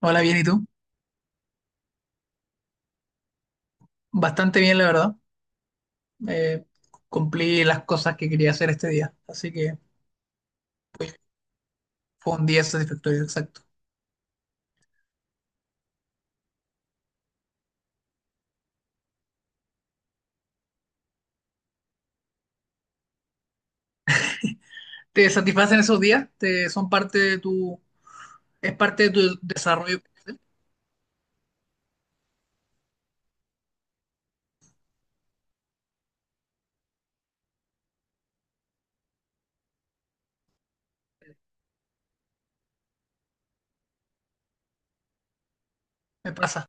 Hola, bien, ¿y tú? Bastante bien, la verdad. Eh, cumplí las cosas que quería hacer este día, así que pues, fue un día satisfactorio, exacto. ¿Te satisfacen esos días? ¿Son parte de tu, es parte de tu desarrollo? Me pasa,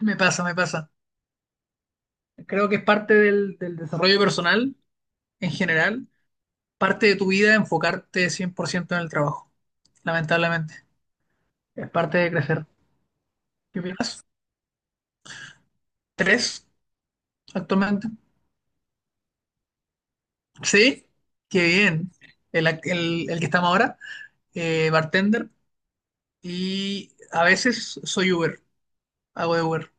me pasa, me pasa. Creo que es parte del desarrollo personal en general, parte de tu vida enfocarte 100% en el trabajo, lamentablemente. Es parte de crecer. ¿Qué opinas? ¿Tres actualmente? ¿Sí? Qué bien. ¿El que estamos ahora? Bartender y a veces soy Uber, hago de Uber.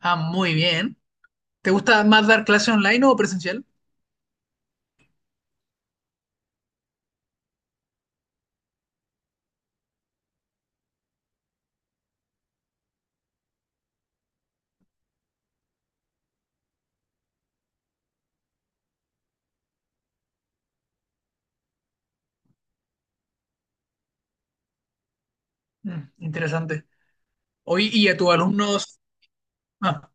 Ah, muy bien. ¿Te gusta más dar clase online o presencial? Mm, interesante. Hoy y a tus alumnos. Ah,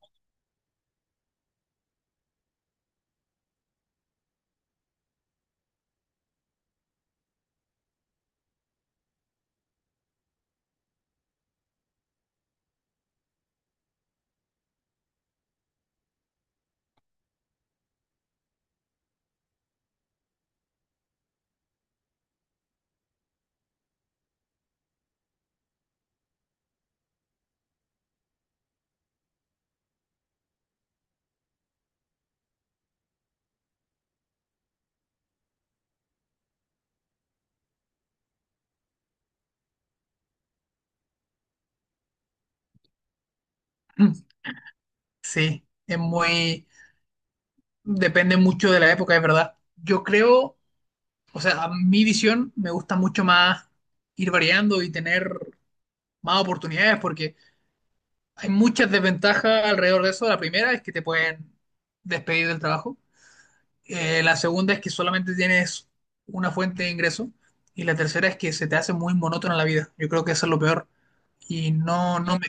mm, sí, es muy. Depende mucho de la época, es verdad. Yo creo, o sea, a mi visión me gusta mucho más ir variando y tener más oportunidades porque hay muchas desventajas alrededor de eso. La primera es que te pueden despedir del trabajo. La segunda es que solamente tienes una fuente de ingreso. Y la tercera es que se te hace muy monótona la vida. Yo creo que eso es lo peor. Y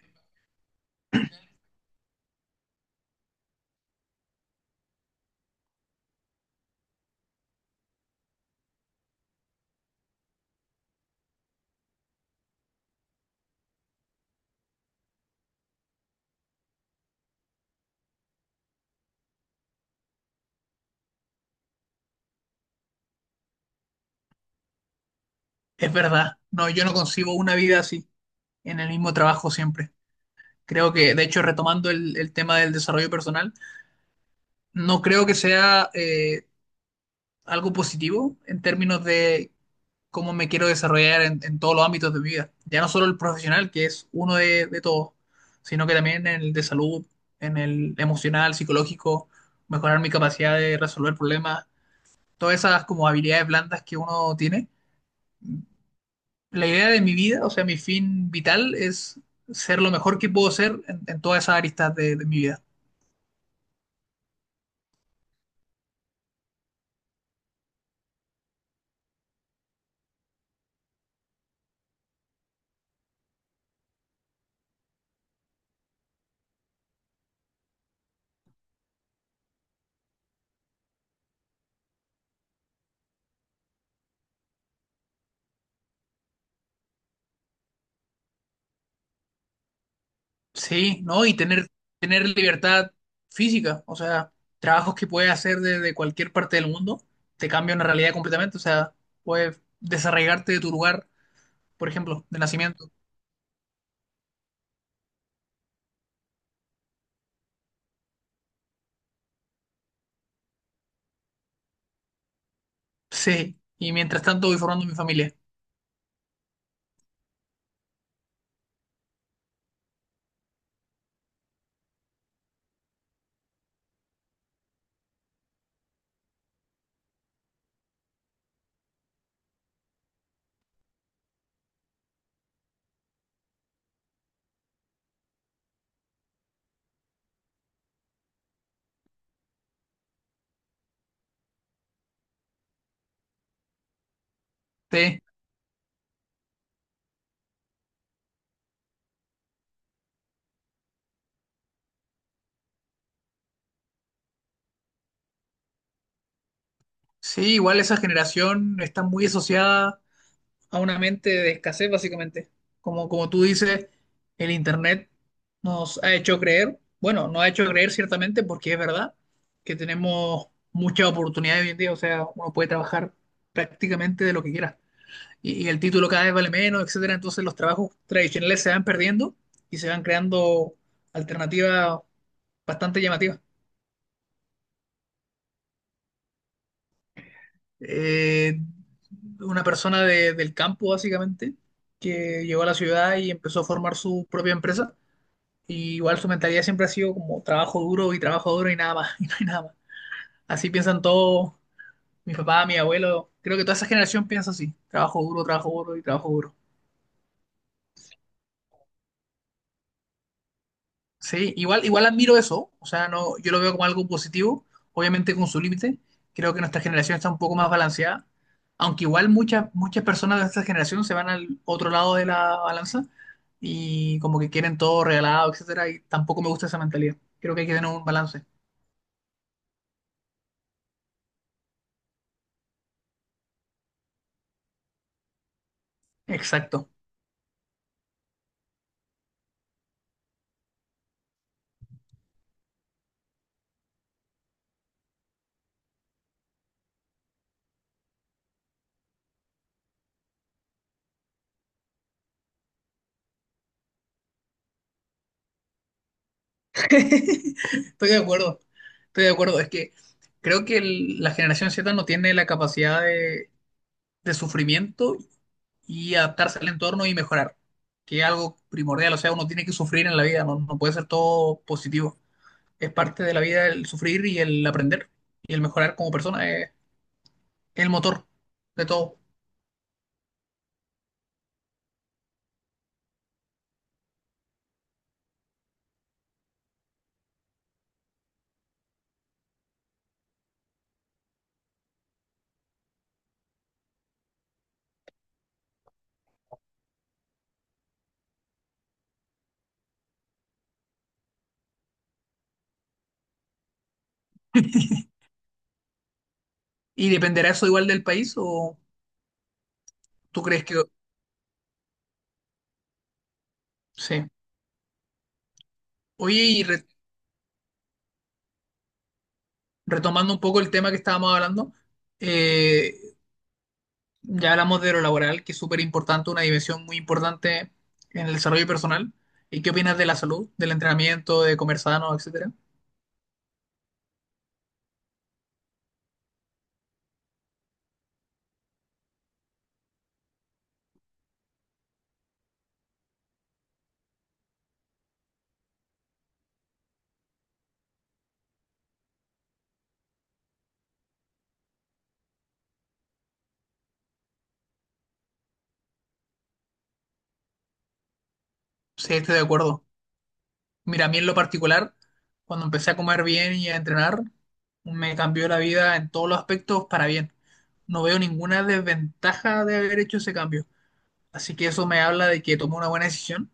es verdad. No, yo no concibo una vida así, en el mismo trabajo siempre. Creo que, de hecho, retomando el tema del desarrollo personal, no creo que sea algo positivo en términos de cómo me quiero desarrollar en todos los ámbitos de mi vida. Ya no solo el profesional, que es uno de todos, sino que también en el de salud, en el emocional, psicológico, mejorar mi capacidad de resolver problemas, todas esas como habilidades blandas que uno tiene. La idea de mi vida, o sea, mi fin vital es ser lo mejor que puedo ser en todas esas aristas de mi vida. Sí, ¿no? Tener libertad física, o sea, trabajos que puedes hacer desde cualquier parte del mundo, te cambia una realidad completamente, o sea, puedes desarraigarte de tu lugar, por ejemplo, de nacimiento. Sí, y mientras tanto voy formando mi familia. Sí, sí, igual esa generación está muy asociada a una mente de escasez, básicamente. Como, como tú dices, el Internet nos ha hecho creer, bueno, nos ha hecho creer ciertamente porque es verdad que tenemos muchas oportunidades hoy en día, o sea, uno puede trabajar prácticamente de lo que quiera. Y el título cada vez vale menos, etcétera. Entonces los trabajos tradicionales se van perdiendo y se van creando alternativas bastante llamativas. Eh, una persona del campo, básicamente, que llegó a la ciudad y empezó a formar su propia empresa. Y igual su mentalidad siempre ha sido como trabajo duro y nada más, y no hay nada más. Así piensan todos, mi papá, mi abuelo, creo que toda esa generación piensa así, trabajo duro y trabajo duro. Sí, igual, igual admiro eso, o sea, no, yo lo veo como algo positivo, obviamente con su límite, creo que nuestra generación está un poco más balanceada, aunque igual muchas, muchas personas de esta generación se van al otro lado de la balanza y como que quieren todo regalado, etcétera, y tampoco me gusta esa mentalidad, creo que hay que tener un balance. Exacto. Estoy de acuerdo, estoy de acuerdo. Es que creo que la generación Z no tiene la capacidad de sufrimiento y adaptarse al entorno y mejorar, que es algo primordial. O sea, uno tiene que sufrir en la vida, no, no puede ser todo positivo. Es parte de la vida el sufrir y el aprender y el mejorar como persona, es el motor de todo. ¿Y dependerá eso igual del país o tú crees que sí? Oye, retomando un poco el tema que estábamos hablando, eh, ya hablamos de lo laboral, que es súper importante, una dimensión muy importante en el desarrollo personal. ¿Y qué opinas de la salud, del entrenamiento, de comer sano, etcétera? Sí, estoy de acuerdo. Mira, a mí en lo particular, cuando empecé a comer bien y a entrenar, me cambió la vida en todos los aspectos para bien. No veo ninguna desventaja de haber hecho ese cambio. Así que eso me habla de que tomé una buena decisión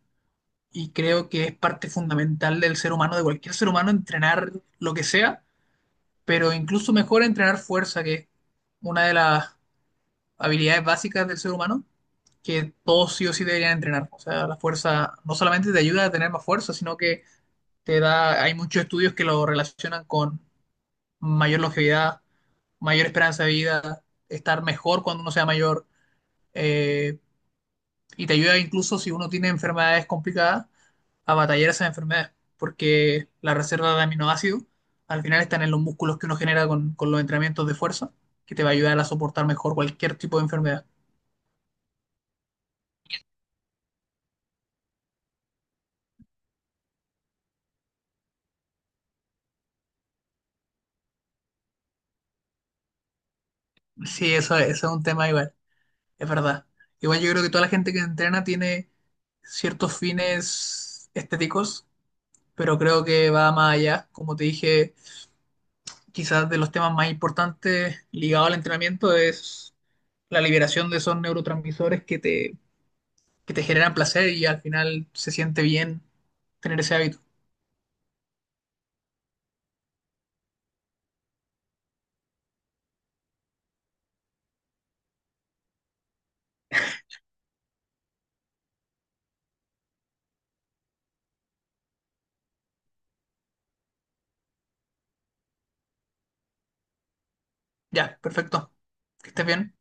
y creo que es parte fundamental del ser humano, de cualquier ser humano, entrenar lo que sea, pero incluso mejor entrenar fuerza, que es una de las habilidades básicas del ser humano, que todos sí o sí deberían entrenar. O sea, la fuerza no solamente te ayuda a tener más fuerza, sino que te da, hay muchos estudios que lo relacionan con mayor longevidad, mayor esperanza de vida, estar mejor cuando uno sea mayor, eh, y te ayuda incluso si uno tiene enfermedades complicadas a batallar esas enfermedades, porque la reserva de aminoácidos al final están en los músculos que uno genera con los entrenamientos de fuerza, que te va a ayudar a soportar mejor cualquier tipo de enfermedad. Sí, eso es un tema igual, es verdad. Igual yo creo que toda la gente que entrena tiene ciertos fines estéticos, pero creo que va más allá. Como te dije, quizás de los temas más importantes ligados al entrenamiento es la liberación de esos neurotransmisores que te generan placer y al final se siente bien tener ese hábito. Ya, perfecto. Que estés bien.